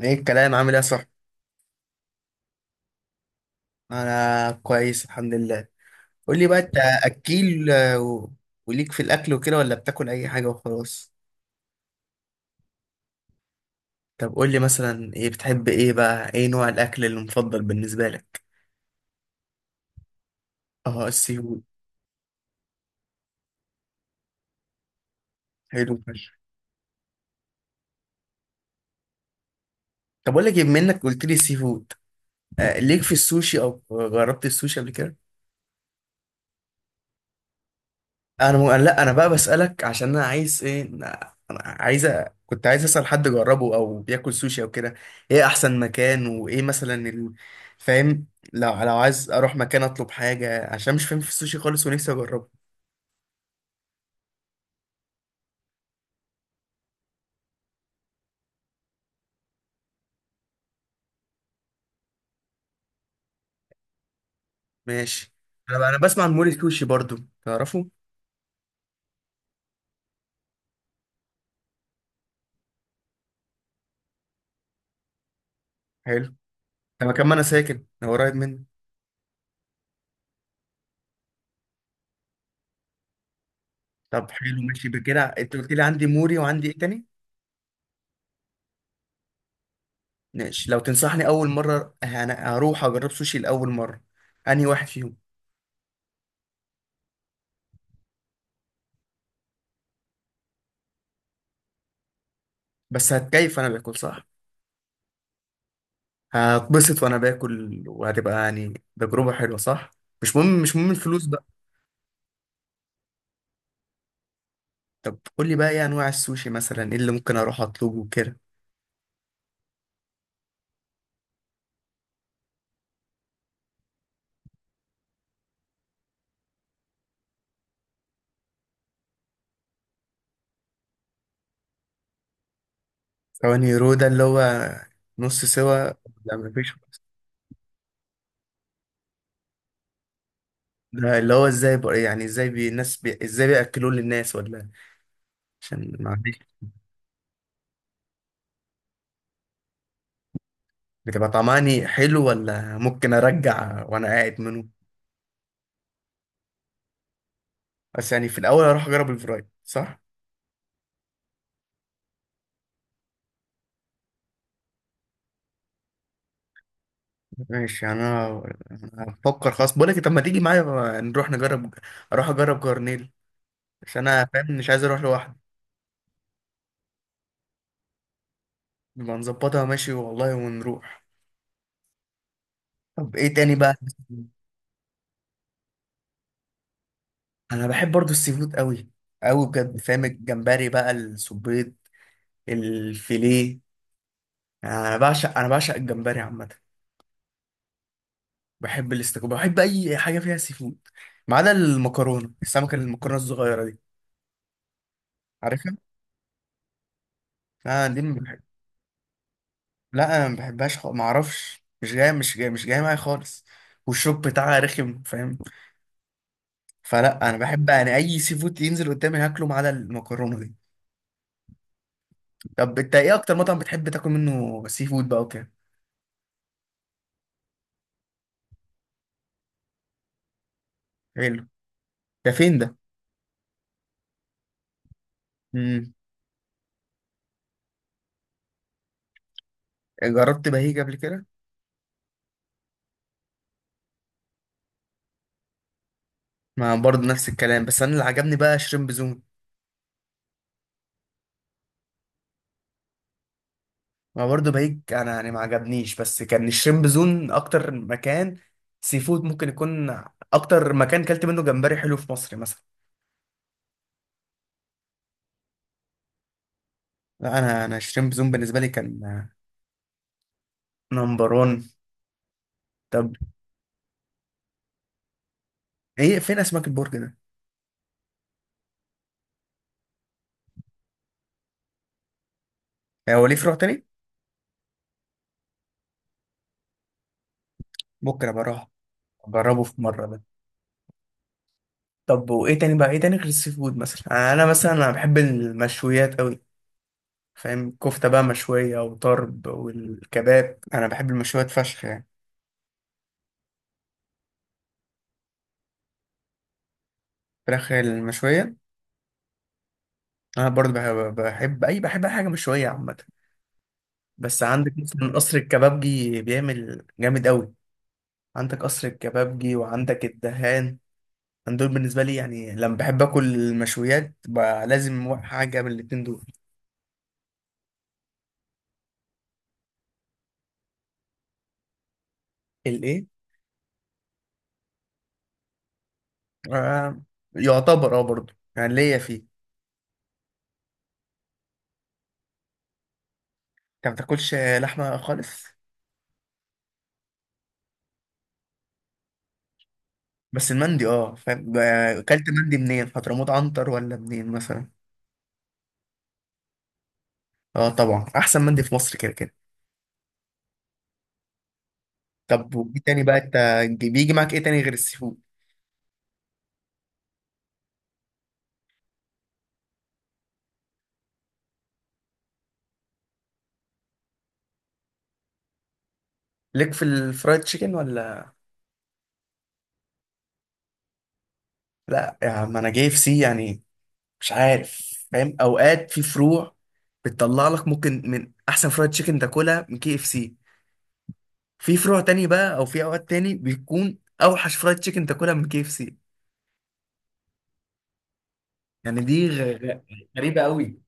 ايه الكلام؟ عامل ايه يا صاحبي؟ انا كويس، الحمد لله. قول لي بقى انت. اكيل. وليك في الاكل وكده، ولا بتاكل اي حاجه وخلاص؟ طب قول لي مثلا، ايه بتحب؟ ايه بقى، ايه نوع الاكل المفضل بالنسبه لك؟ اه، السي فود. حلو فشخ. طب اقول لك إيه، بما انك قلت لي سي فود، ليك في السوشي؟ او جربت السوشي قبل كده؟ لا، انا بقى بسألك عشان انا عايز ايه، انا عايز كنت عايز اسأل حد جربه او بياكل سوشي او كده. ايه احسن مكان؟ وايه مثلا فاهم. لو عايز اروح مكان اطلب حاجة، عشان مش فاهم في السوشي خالص ونفسي اجربه. ماشي. انا بقى، انا بسمع عن موري سوشي برضو. تعرفه؟ حلو. ده مكان، ما انا ساكن، هو قريب مني. طب حلو، ماشي بكده. انت قلت لي عندي موري، وعندي ايه تاني؟ ماشي، لو تنصحني اول مرة انا هروح اجرب سوشي لاول مرة، انهي واحد فيهم؟ بس هتكيف انا باكل، صح؟ هتبسط وانا باكل، وهتبقى يعني تجربة حلوة، صح؟ مش مهم، مش مهم الفلوس بقى. طب قول لي بقى، ايه انواع السوشي؟ مثلا ايه اللي ممكن اروح اطلبه كده؟ ثواني. رو ده اللي هو نص سوا؟ لا، مفيش. ده اللي هو ازاي بقى يعني، ازاي بي الناس بي ازاي بياكلوه للناس ولا إيه؟ عشان معلش. بتبقى طعماني حلو، ولا ممكن ارجع وانا قاعد منه؟ بس يعني في الاول اروح اجرب الفرايد، صح؟ ماشي. انا هفكر خلاص، بقول لك إيه، طب ما تيجي معايا، نروح نجرب. اروح اجرب جرنيل، بس انا فاهم مش عايز اروح لوحدي. نبقى نظبطها، ماشي والله، ونروح. طب ايه تاني بقى؟ انا بحب برضو السي فود قوي. قوي بجد، فاهم؟ الجمبري بقى، السبيط، الفيليه. انا بعشق الجمبري عامه. بحب الاستاكوزا، بحب اي حاجه فيها سي فود، ما عدا المكرونه السمكه، المكرونه الصغيره دي. عارفها؟ لا دي ما بحب. لا انا ما بحبهاش، ما اعرفش، مش جاي معايا خالص. والشوك بتاعها رخم، فاهم؟ فلا، انا بحب يعني اي سي فود ينزل قدامي هاكله، ما عدا المكرونه دي. طب انت، ايه اكتر مطعم بتحب تاكل منه سي فود بقى وكده؟ حلو. ده فين ده؟ امم. جربت بهيج قبل كده؟ ما برضه نفس الكلام، بس انا اللي عجبني بقى شريمب زون. ما برضه بهيج انا يعني ما عجبنيش، بس كان الشريمب زون اكتر مكان سي فود ممكن يكون، اكتر مكان كلت منه جمبري حلو في مصر مثلا. لا انا شريمب زون بالنسبه لي كان نمبر 1. طب، ايه فين اسماك البرج ده؟ هو ليه فروع تاني؟ ممكن ابقى اروح جربه في مرة ده. طب، وإيه تاني بقى؟ إيه تاني غير السي فود؟ مثلا أنا بحب المشويات أوي، فاهم؟ كفتة بقى مشوية، وطرب، والكباب. أنا بحب المشويات فشخ يعني. فراخ المشوية. أنا برضه بحب أي حاجة مشوية عامة. بس عندك مثلا قصر الكبابجي بيعمل جامد أوي. عندك قصر الكبابجي وعندك الدهان. أنا دول بالنسبة لي يعني، لما بحب آكل المشويات بقى لازم حاجة من الاتنين دول. الإيه؟ آه، يعتبر أه برضه يعني، ليا فيه. انت ما بتاكلش لحمه خالص؟ بس المندي اه، فاهم اكلت مندي منين؟ حضرموت، عنتر، ولا منين مثلا؟ اه طبعا، احسن مندي في مصر كده كده. طب وايه تاني بقى؟ انت بيجي معاك ايه تاني غير السي فود؟ ليك في الفرايد تشيكن ولا؟ لا يا عم، انا جاي في سي يعني، مش عارف فاهم، اوقات في فروع بتطلع لك ممكن من احسن فرايد تشيكن تاكلها من كي اف سي. في فروع تاني بقى، او في اوقات تاني بيكون اوحش فرايد تشيكن تاكلها من كي اف سي. يعني دي غريبة قوي.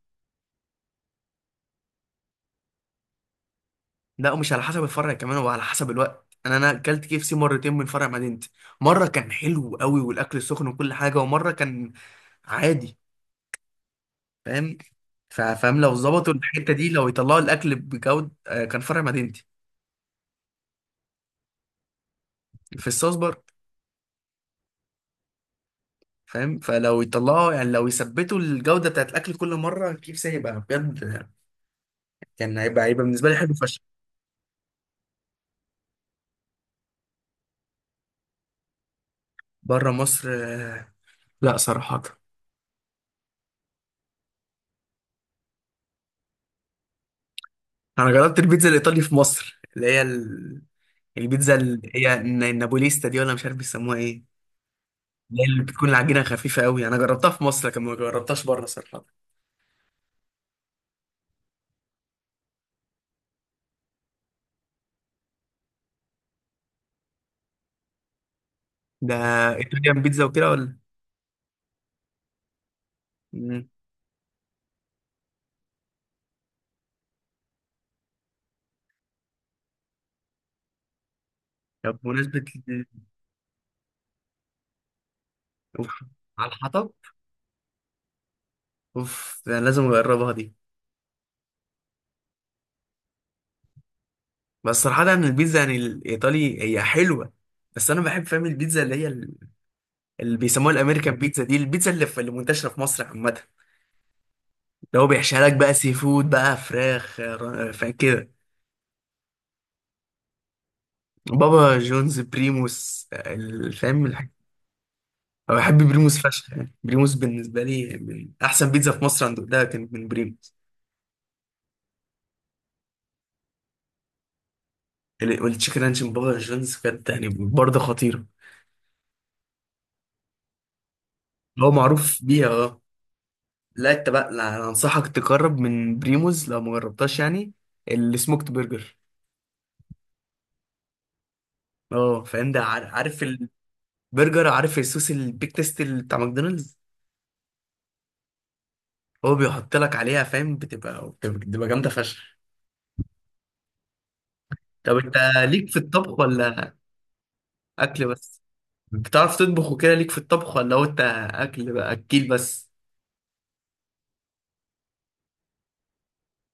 لا، ومش على حسب الفرع كمان، وعلى حسب الوقت. انا اكلت كي اف سي مرتين من فرع مدينتي. مره كان حلو قوي والاكل سخن وكل حاجه، ومره كان عادي. فاهم؟ فاهم، لو ظبطوا الحته دي، لو يطلعوا الاكل بجوده كان فرع مدينتي. في الصوص برضه. فاهم، فلو يطلعوا يعني لو يثبتوا الجوده بتاعت الاكل كل مره، كي اف سي هيبقى بجد. كان هيبقى بالنسبه لي حلو فشخ. بره مصر، لا صراحه. انا جربت البيتزا الايطالي في مصر، اللي هي البيتزا اللي هي النابوليستا دي، ولا مش عارف بيسموها ايه. اللي هي اللي بتكون العجينه خفيفه قوي، انا جربتها في مصر لكن ما جربتهاش بره صراحه. ده ايطاليان بيتزا وكده، ولا؟ مم. طب بمناسبه ال- أوف. على الحطب. اوف، ده أنا لازم اجربها دي. بس صراحه يعني البيتزا يعني الايطالي هي حلوه. بس انا بحب، فاهم، البيتزا اللي هي اللي بيسموها الامريكان بيتزا دي، البيتزا اللي منتشره في مصر عامه. اللي هو بيحشيها لك بقى سي فود بقى فراخ، فاهم كده. بابا جونز، بريموس، فاهم. أنا بحب بريموس فشخ يعني، بريموس بالنسبة لي من أحسن بيتزا في مصر، أنا دوقتها كانت من بريموس. والتشيكن رانش من بابا جونز كانت يعني برضه خطيرة. هو معروف بيها أه. لا أنت بقى، لا أنا أنصحك تجرب من بريموس لو ما جربتهاش يعني، السموكت برجر. أه فاهم ده. عارف البرجر؟ عارف الصوص البيك تيست اللي بتاع ماكدونالدز؟ هو بيحط لك عليها، فاهم؟ بتبقى جامدة فشخ. طب أنت، ليك في الطبخ ولا أكل بس؟ بتعرف تطبخ وكده؟ ليك في الطبخ، ولا هو انت اكل بقى، اكيل بس؟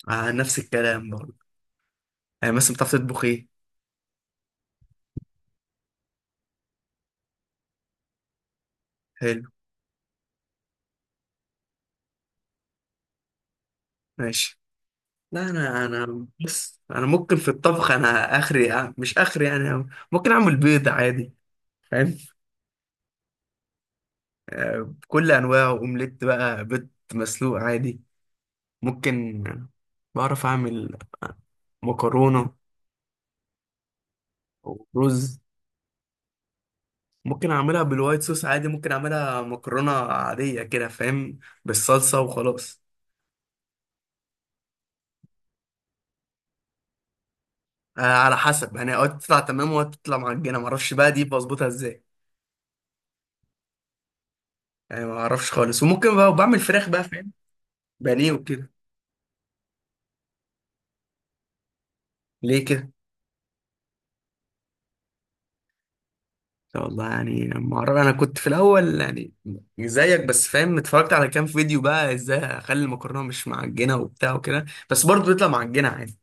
آه نفس الكلام برضه. يعني مثلا بتعرف تطبخ ايه؟ حلو. ماشي. لا انا بس انا ممكن في الطبخ، انا اخري مش اخري يعني. ممكن اعمل بيض عادي، فاهم. آه بكل انواعه، اومليت بقى، بيض مسلوق عادي. ممكن بعرف اعمل مكرونة، ورز. ممكن اعملها بالوايت صوص عادي، ممكن اعملها مكرونة عادية كده، فاهم، بالصلصة وخلاص. آه على حسب يعني، اوقات تطلع تمام واوقات تطلع معجنه، ما اعرفش بقى دي بظبطها ازاي. يعني ما اعرفش خالص. وممكن بقى بعمل فراخ بقى، فاهم، بانيه وكده. ليه كده؟ والله يعني ما اعرف، انا كنت في الاول يعني زيك، بس فاهم اتفرجت على كام فيديو بقى ازاي اخلي المكرونه مش معجنه وبتاع وكده، بس برضه بيطلع معجنه عادي.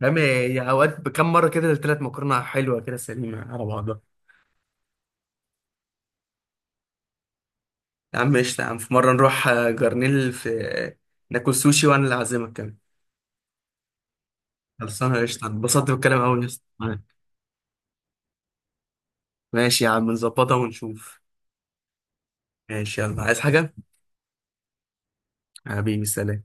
فاهم، هي اوقات بكام مره كده التلات مكرونه حلوه كده سليمه على بعضها. يا عم قشطه، يا عم في مره نروح جرنيل في ناكل سوشي، وانا اللي اعزمك كمان. خلصانه قشطه، اتبسطت بالكلام قوي يا اسطى. ماشي يا عم، نظبطها ونشوف. ماشي، يلا عايز حاجة؟ حبيبي، سلام.